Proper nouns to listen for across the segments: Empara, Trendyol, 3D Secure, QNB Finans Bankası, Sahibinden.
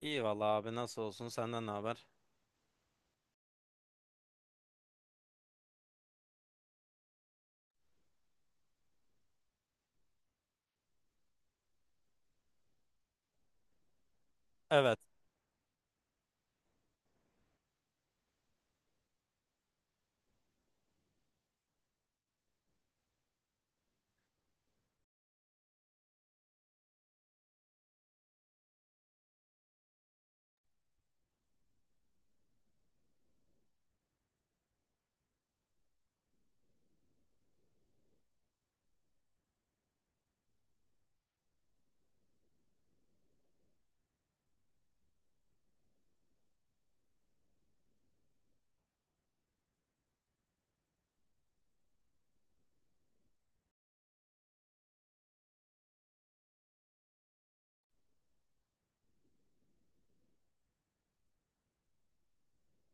İyi valla abi nasıl olsun senden ne haber? Evet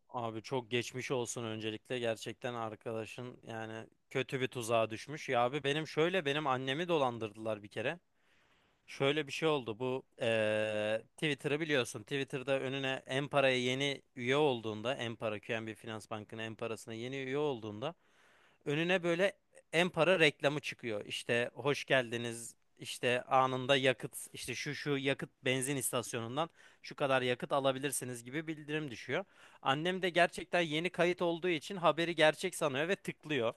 abi çok geçmiş olsun öncelikle gerçekten arkadaşın yani kötü bir tuzağa düşmüş. Ya abi benim şöyle benim annemi dolandırdılar bir kere. Şöyle bir şey oldu bu Twitter'ı biliyorsun. Twitter'da önüne Empara'ya yeni üye olduğunda, Empara QNB Finans Bankı'nın Empara'sına yeni üye olduğunda önüne böyle en para reklamı çıkıyor. İşte hoş geldiniz, İşte anında yakıt, işte şu yakıt benzin istasyonundan şu kadar yakıt alabilirsiniz gibi bildirim düşüyor. Annem de gerçekten yeni kayıt olduğu için haberi gerçek sanıyor ve tıklıyor.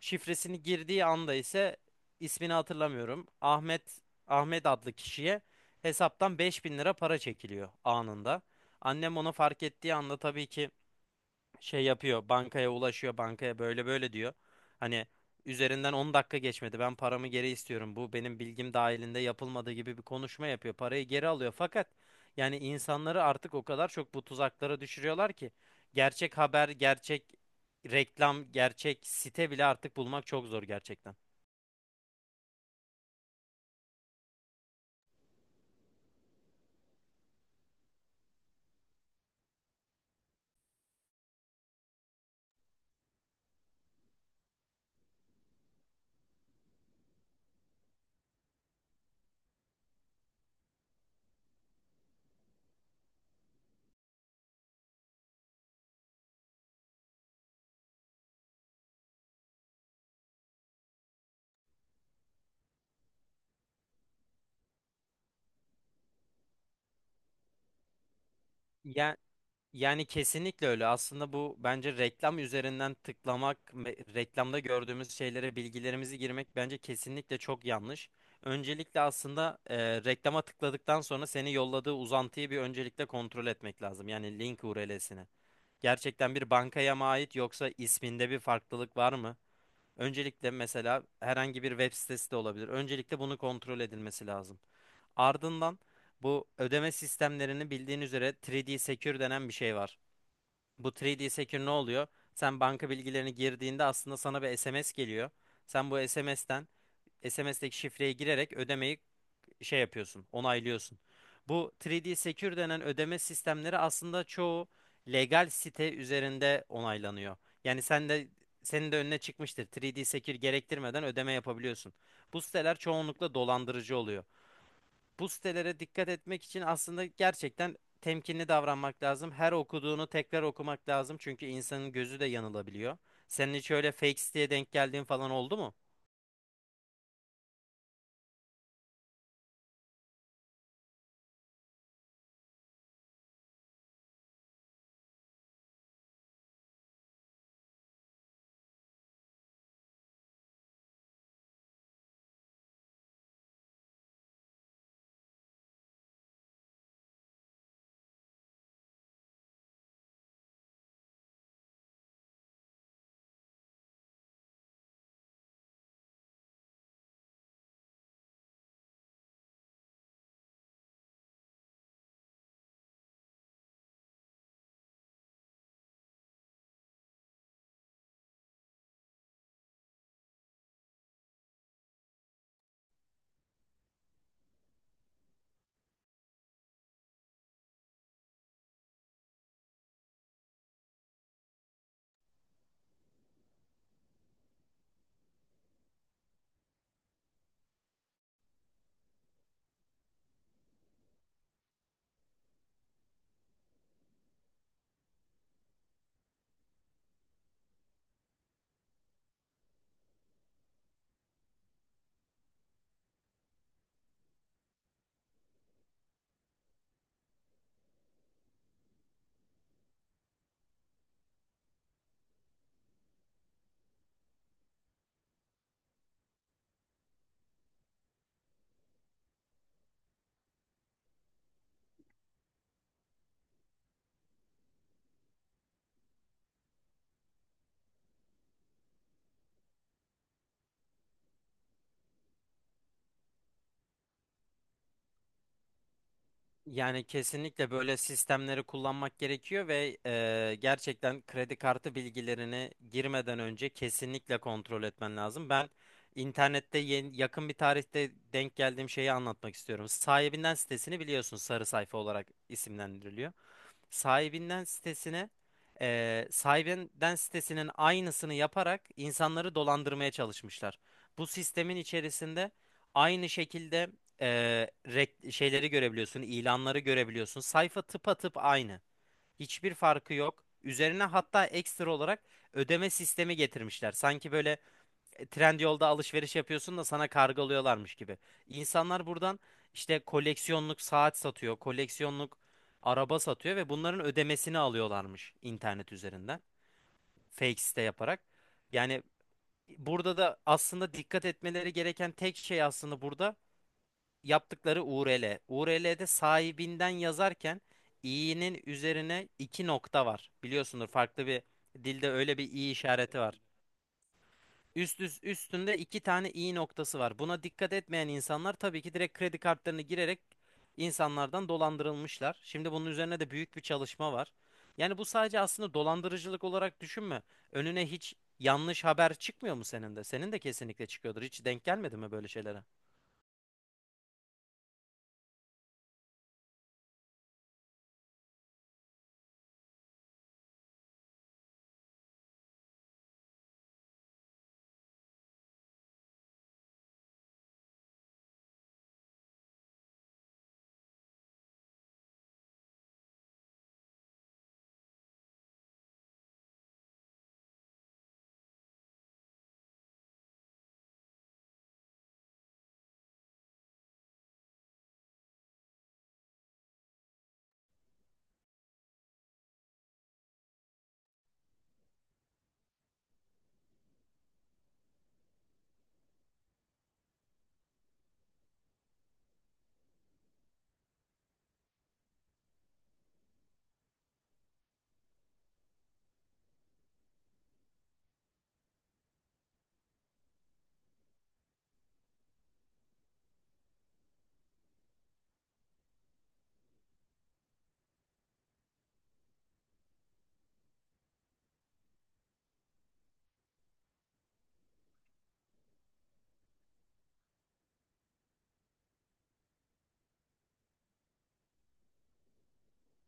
Şifresini girdiği anda ise ismini hatırlamıyorum. Ahmet adlı kişiye hesaptan 5.000 lira para çekiliyor anında. Annem onu fark ettiği anda tabii ki şey yapıyor, bankaya ulaşıyor, bankaya böyle böyle diyor. Hani üzerinden 10 dakika geçmedi, ben paramı geri istiyorum, bu benim bilgim dahilinde yapılmadığı gibi bir konuşma yapıyor, parayı geri alıyor. Fakat yani insanları artık o kadar çok bu tuzaklara düşürüyorlar ki gerçek haber, gerçek reklam, gerçek site bile artık bulmak çok zor gerçekten. Yani kesinlikle öyle. Aslında bu bence reklam üzerinden tıklamak, reklamda gördüğümüz şeylere bilgilerimizi girmek bence kesinlikle çok yanlış. Öncelikle aslında reklama tıkladıktan sonra seni yolladığı uzantıyı bir öncelikle kontrol etmek lazım. Yani link URL'sini. Gerçekten bir bankaya mı ait, yoksa isminde bir farklılık var mı? Öncelikle mesela herhangi bir web sitesi de olabilir. Öncelikle bunu kontrol edilmesi lazım. Ardından bu ödeme sistemlerini, bildiğin üzere 3D Secure denen bir şey var. Bu 3D Secure ne oluyor? Sen banka bilgilerini girdiğinde aslında sana bir SMS geliyor. Sen bu SMS'teki şifreye girerek ödemeyi şey yapıyorsun, onaylıyorsun. Bu 3D Secure denen ödeme sistemleri aslında çoğu legal site üzerinde onaylanıyor. Yani senin de önüne çıkmıştır. 3D Secure gerektirmeden ödeme yapabiliyorsun. Bu siteler çoğunlukla dolandırıcı oluyor. Bu sitelere dikkat etmek için aslında gerçekten temkinli davranmak lazım. Her okuduğunu tekrar okumak lazım, çünkü insanın gözü de yanılabiliyor. Senin hiç öyle fake siteye denk geldiğin falan oldu mu? Yani kesinlikle böyle sistemleri kullanmak gerekiyor ve gerçekten kredi kartı bilgilerini girmeden önce kesinlikle kontrol etmen lazım. Ben internette yeni, yakın bir tarihte denk geldiğim şeyi anlatmak istiyorum. Sahibinden sitesini biliyorsun, sarı sayfa olarak isimlendiriliyor. Sahibinden sitesine sahibinden sitesinin aynısını yaparak insanları dolandırmaya çalışmışlar. Bu sistemin içerisinde aynı şekilde, şeyleri görebiliyorsun, ilanları görebiliyorsun. Sayfa tıpatıp aynı. Hiçbir farkı yok. Üzerine hatta ekstra olarak ödeme sistemi getirmişler. Sanki böyle, Trendyol'da alışveriş yapıyorsun da sana kargılıyorlarmış gibi. İnsanlar buradan işte koleksiyonluk saat satıyor, koleksiyonluk araba satıyor ve bunların ödemesini alıyorlarmış internet üzerinden. Fake site yaparak. Yani burada da aslında dikkat etmeleri gereken tek şey aslında burada yaptıkları URL. URL'de sahibinden yazarken i'nin üzerine iki nokta var. Biliyorsundur, farklı bir dilde öyle bir i işareti var. Üst üstünde iki tane i noktası var. Buna dikkat etmeyen insanlar tabii ki direkt kredi kartlarını girerek insanlardan dolandırılmışlar. Şimdi bunun üzerine de büyük bir çalışma var. Yani bu sadece aslında dolandırıcılık olarak düşünme. Önüne hiç yanlış haber çıkmıyor mu senin de? Senin de kesinlikle çıkıyordur. Hiç denk gelmedi mi böyle şeylere?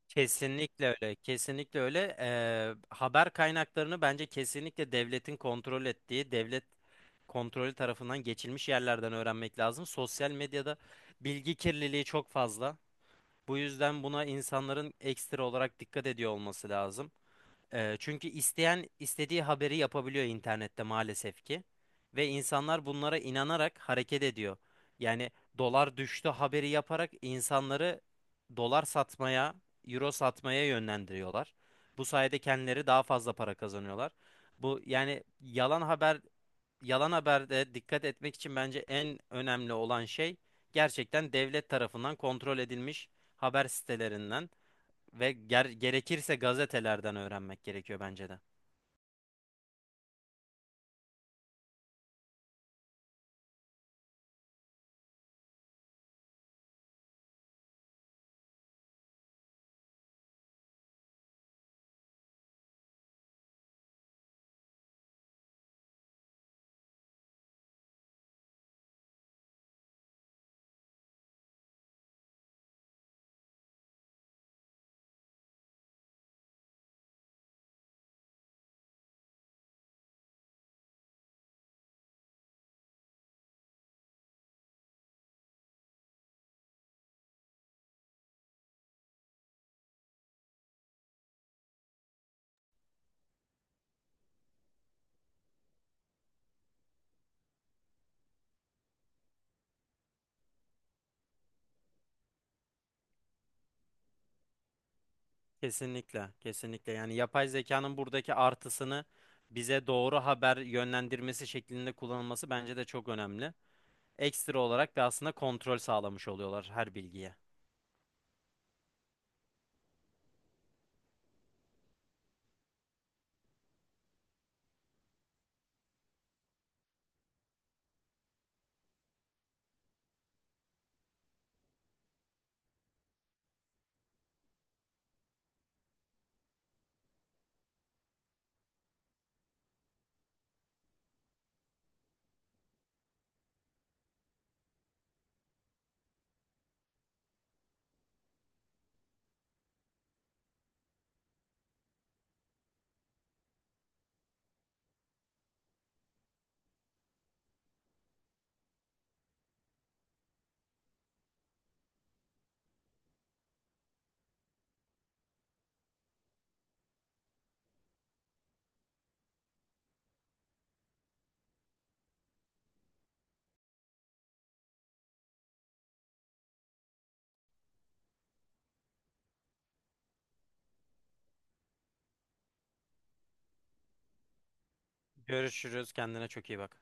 Kesinlikle öyle, kesinlikle öyle. Haber kaynaklarını bence kesinlikle devletin kontrol ettiği, devlet kontrolü tarafından geçilmiş yerlerden öğrenmek lazım. Sosyal medyada bilgi kirliliği çok fazla. Bu yüzden buna insanların ekstra olarak dikkat ediyor olması lazım. Çünkü isteyen istediği haberi yapabiliyor internette maalesef ki. Ve insanlar bunlara inanarak hareket ediyor. Yani dolar düştü haberi yaparak insanları dolar satmaya, euro satmaya yönlendiriyorlar. Bu sayede kendileri daha fazla para kazanıyorlar. Bu yani yalan haberde dikkat etmek için bence en önemli olan şey gerçekten devlet tarafından kontrol edilmiş haber sitelerinden ve gerekirse gazetelerden öğrenmek gerekiyor bence de. Kesinlikle, kesinlikle. Yani yapay zekanın buradaki artısını bize doğru haber yönlendirmesi şeklinde kullanılması bence de çok önemli. Ekstra olarak da aslında kontrol sağlamış oluyorlar her bilgiye. Görüşürüz. Kendine çok iyi bak.